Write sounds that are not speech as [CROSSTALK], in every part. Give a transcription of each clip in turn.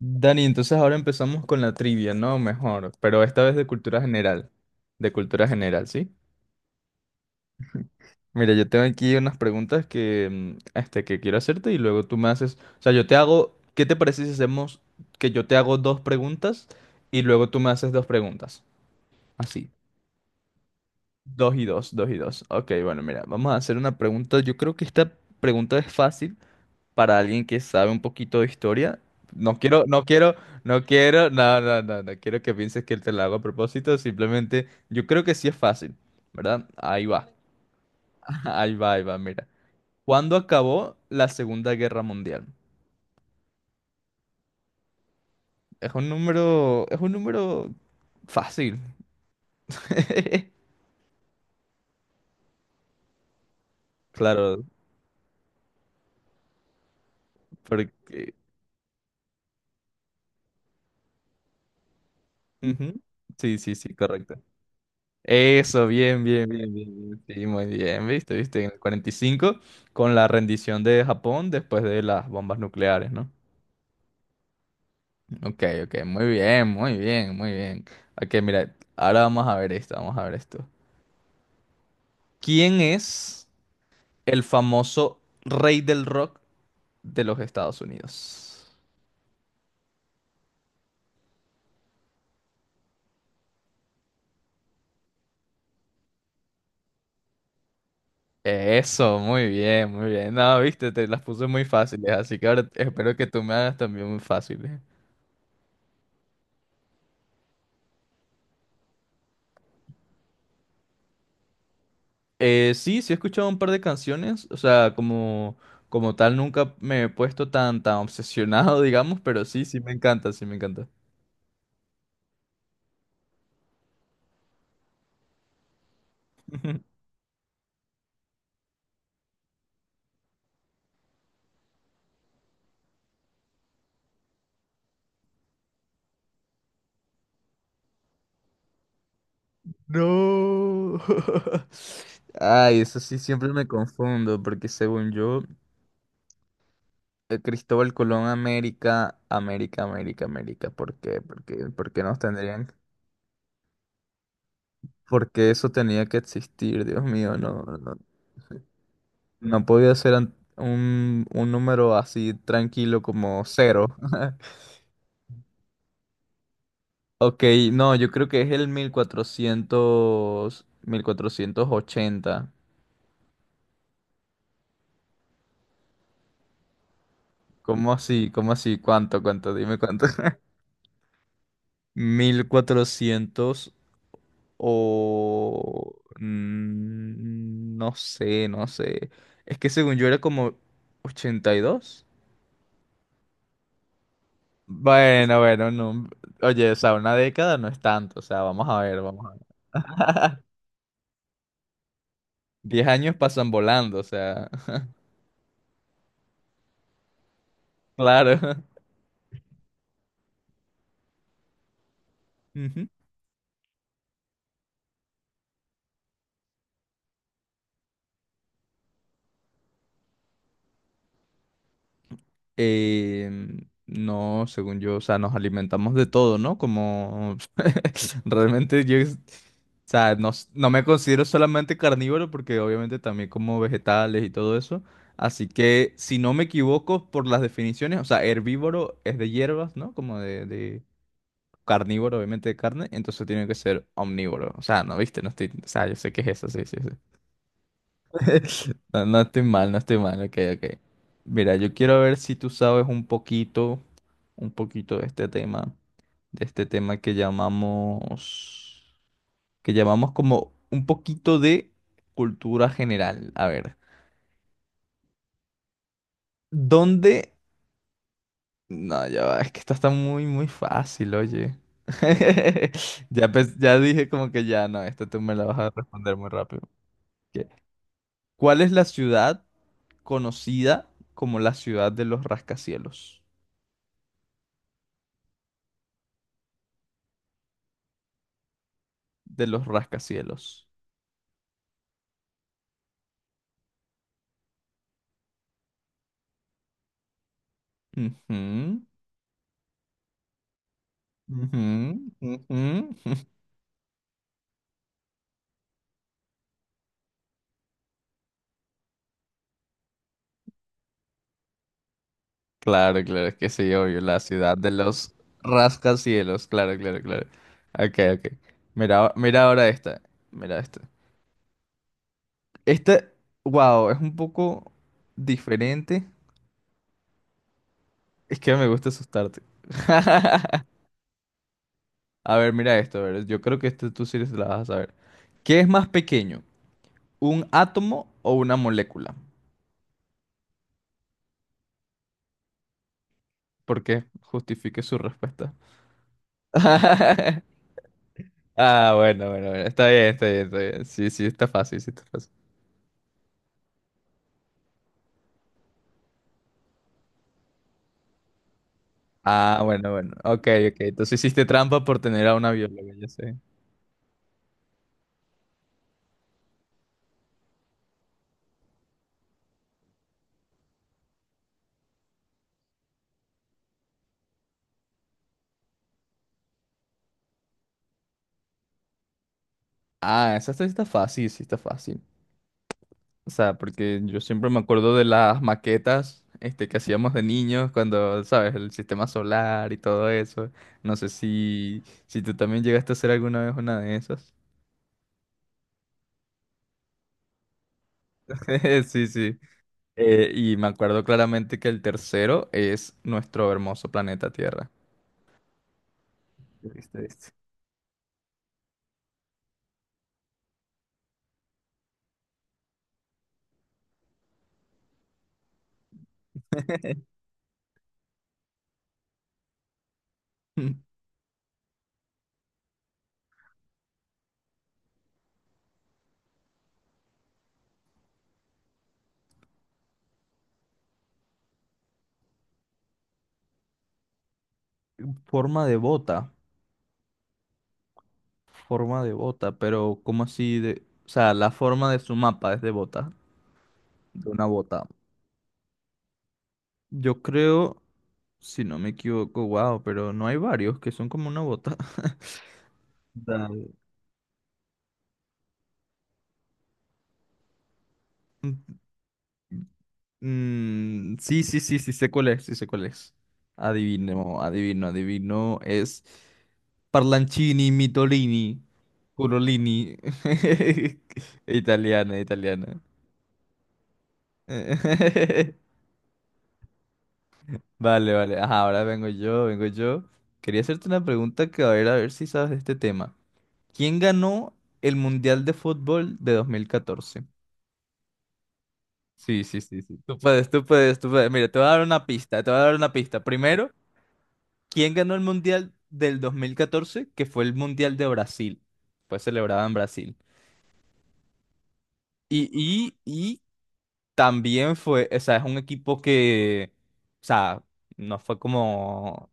Dani, entonces ahora empezamos con la trivia, ¿no? Mejor, pero esta vez de cultura general. De cultura general, ¿sí? Mira, yo tengo aquí unas preguntas que, este, que quiero hacerte y luego tú me haces... O sea, yo te hago... ¿Qué te parece si hacemos que yo te hago dos preguntas y luego tú me haces dos preguntas? Así. Dos y dos, dos y dos. Ok, bueno, mira, vamos a hacer una pregunta. Yo creo que esta pregunta es fácil para alguien que sabe un poquito de historia. No quiero, no quiero, no quiero, no, no, no, no quiero que pienses que te lo hago a propósito. Simplemente, yo creo que sí es fácil, ¿verdad? Ahí va, [LAUGHS] ahí va, mira. ¿Cuándo acabó la Segunda Guerra Mundial? Es un número fácil. [LAUGHS] Claro, porque... ujú. Sí, sí, sí, correcto. Eso, bien, bien, bien, bien, bien. Sí, muy bien, viste, viste, en el 45 con la rendición de Japón después de las bombas nucleares, ¿no? Ok, ok, muy bien, muy bien, muy bien. Ok, mira, ahora vamos a ver esto, vamos a ver esto. ¿Quién es el famoso rey del rock de los Estados Unidos? Eso, muy bien, muy bien. No, viste, te las puse muy fáciles, así que ahora espero que tú me hagas también muy fáciles. Sí, sí he escuchado un par de canciones, o sea, como, como tal nunca me he puesto tan, tan obsesionado, [LAUGHS] digamos, pero sí, sí me encanta, sí me encanta. [LAUGHS] No. [LAUGHS] Ay, eso sí siempre me confundo, porque según yo, Cristóbal Colón, América, América, América, América, ¿por qué? ¿Por qué? ¿Por qué nos tendrían? ¿Por qué eso tenía que existir? Dios mío, no, no, no podía ser un número así tranquilo como cero. [LAUGHS] Ok, no, yo creo que es el mil mil cuatrocientos ochenta. ¿Cómo así? ¿Cómo así? ¿Cuánto? ¿Cuánto? Dime cuánto. [LAUGHS] 1400 o... no sé, no sé. Es que según yo era como 82. Bueno, bueno, no. Oye, o sea, una década no es tanto. O sea, vamos a ver, vamos a ver. 10 años pasan volando, o sea, [LAUGHS] claro. [LAUGHS] No, según yo, o sea, nos alimentamos de todo, ¿no? Como [LAUGHS] realmente yo, o sea, no, no me considero solamente carnívoro porque obviamente también como vegetales y todo eso. Así que, si no me equivoco por las definiciones, o sea, herbívoro es de hierbas, ¿no? Como de carnívoro, obviamente de carne, entonces tiene que ser omnívoro. O sea, no, viste, no estoy, o sea, yo sé que es eso, sí, sí, sí. [LAUGHS] No, no estoy mal, no estoy mal, ok, ok. Mira, yo quiero ver si tú sabes un poquito de este tema que llamamos como un poquito de cultura general. A ver, ¿dónde? No, ya va, es que esta está muy, muy fácil, oye. [LAUGHS] Ya, ya dije como que ya, no, esta tú me la vas a responder muy rápido. Ok. ¿Cuál es la ciudad conocida como la ciudad de los rascacielos? De los rascacielos. Ujú, ujú, ujú. [LAUGHS] Claro, claro, es que sí, obvio, la ciudad de los rascacielos, claro, claro, claro. Ok, ok. Mira, mira ahora esta, mira esta. Esta, wow, es un poco diferente. Es que me gusta asustarte. [LAUGHS] A ver, mira esto, a ver, yo creo que este tú sí la vas a saber. ¿Qué es más pequeño, un átomo o una molécula? Porque justifique su respuesta. [LAUGHS] Ah, bueno, bueno, bueno. Está bien, está bien, está bien. Sí, sí, está fácil, sí, está fácil. Ah, bueno, bueno. Ok, ok. Entonces hiciste trampa por tener a una bióloga, ya sé. Ah, esa está, está fácil, sí, está fácil. O sea, porque yo siempre me acuerdo de las maquetas, este, que hacíamos de niños cuando, ¿sabes? El sistema solar y todo eso. No sé si, si tú también llegaste a hacer alguna vez una de esas. [LAUGHS] Sí, sí. Y me acuerdo claramente que el tercero es nuestro hermoso planeta Tierra. Viste, viste. [LAUGHS] Forma de bota. Forma de bota, pero ¿cómo así de...? O sea, la forma de su mapa es de bota, de una bota. Yo creo, si no me equivoco, wow, pero no hay varios que son como una bota. [LAUGHS] Da- sí, sí, sí, sí, sé cuál es, sí sé cuál es. Adivino, adivino, adivino. Es Parlancini, Mitolini, Curolini. [LAUGHS] Italiana, italiana. [LAUGHS] Vale, vale. Ajá, ahora vengo yo, vengo yo. Quería hacerte una pregunta que a ver si sabes de este tema. ¿Quién ganó el Mundial de Fútbol de 2014? Sí, sí, sí, sí. Tú puedes, tú puedes, tú puedes. Mira, te voy a dar una pista, te voy a dar una pista. Primero, ¿quién ganó el Mundial del 2014? Que fue el Mundial de Brasil. Fue celebrado en Brasil. Y también fue, o sea, es un equipo que, o sea, no fue como,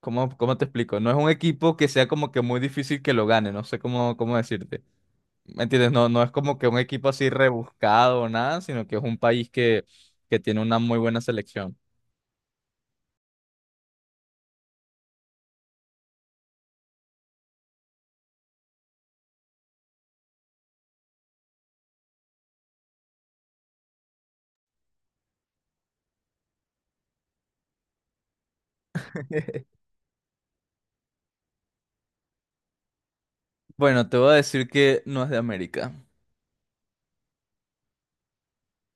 ¿cómo, cómo te explico? No es un equipo que sea como que muy difícil que lo gane, no sé cómo, cómo decirte. ¿Me entiendes? No, no es como que un equipo así rebuscado o nada, sino que es un país que tiene una muy buena selección. Bueno, te voy a decir que no es de América.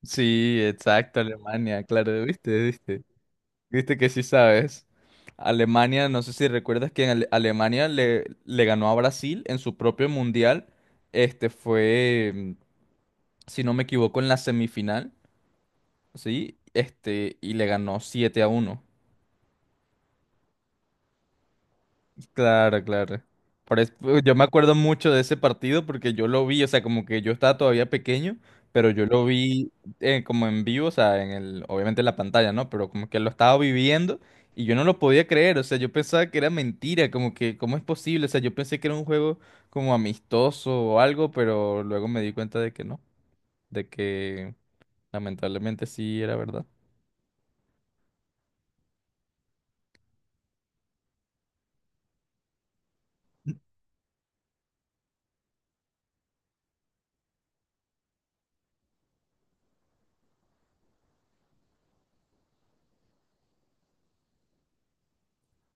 Sí, exacto, Alemania, claro, viste, viste. Viste que sí sabes. Alemania, no sé si recuerdas que en Alemania le ganó a Brasil en su propio mundial. Este fue, si no me equivoco, en la semifinal, ¿sí? Este, y le ganó 7-1. Claro, claro. Por pues, yo me acuerdo mucho de ese partido porque yo lo vi, o sea, como que yo estaba todavía pequeño, pero yo lo vi como en vivo, o sea, en el, obviamente en la pantalla, ¿no? Pero como que lo estaba viviendo y yo no lo podía creer, o sea, yo pensaba que era mentira, como que, ¿cómo es posible? O sea, yo pensé que era un juego como amistoso o algo, pero luego me di cuenta de que no, de que lamentablemente sí era verdad.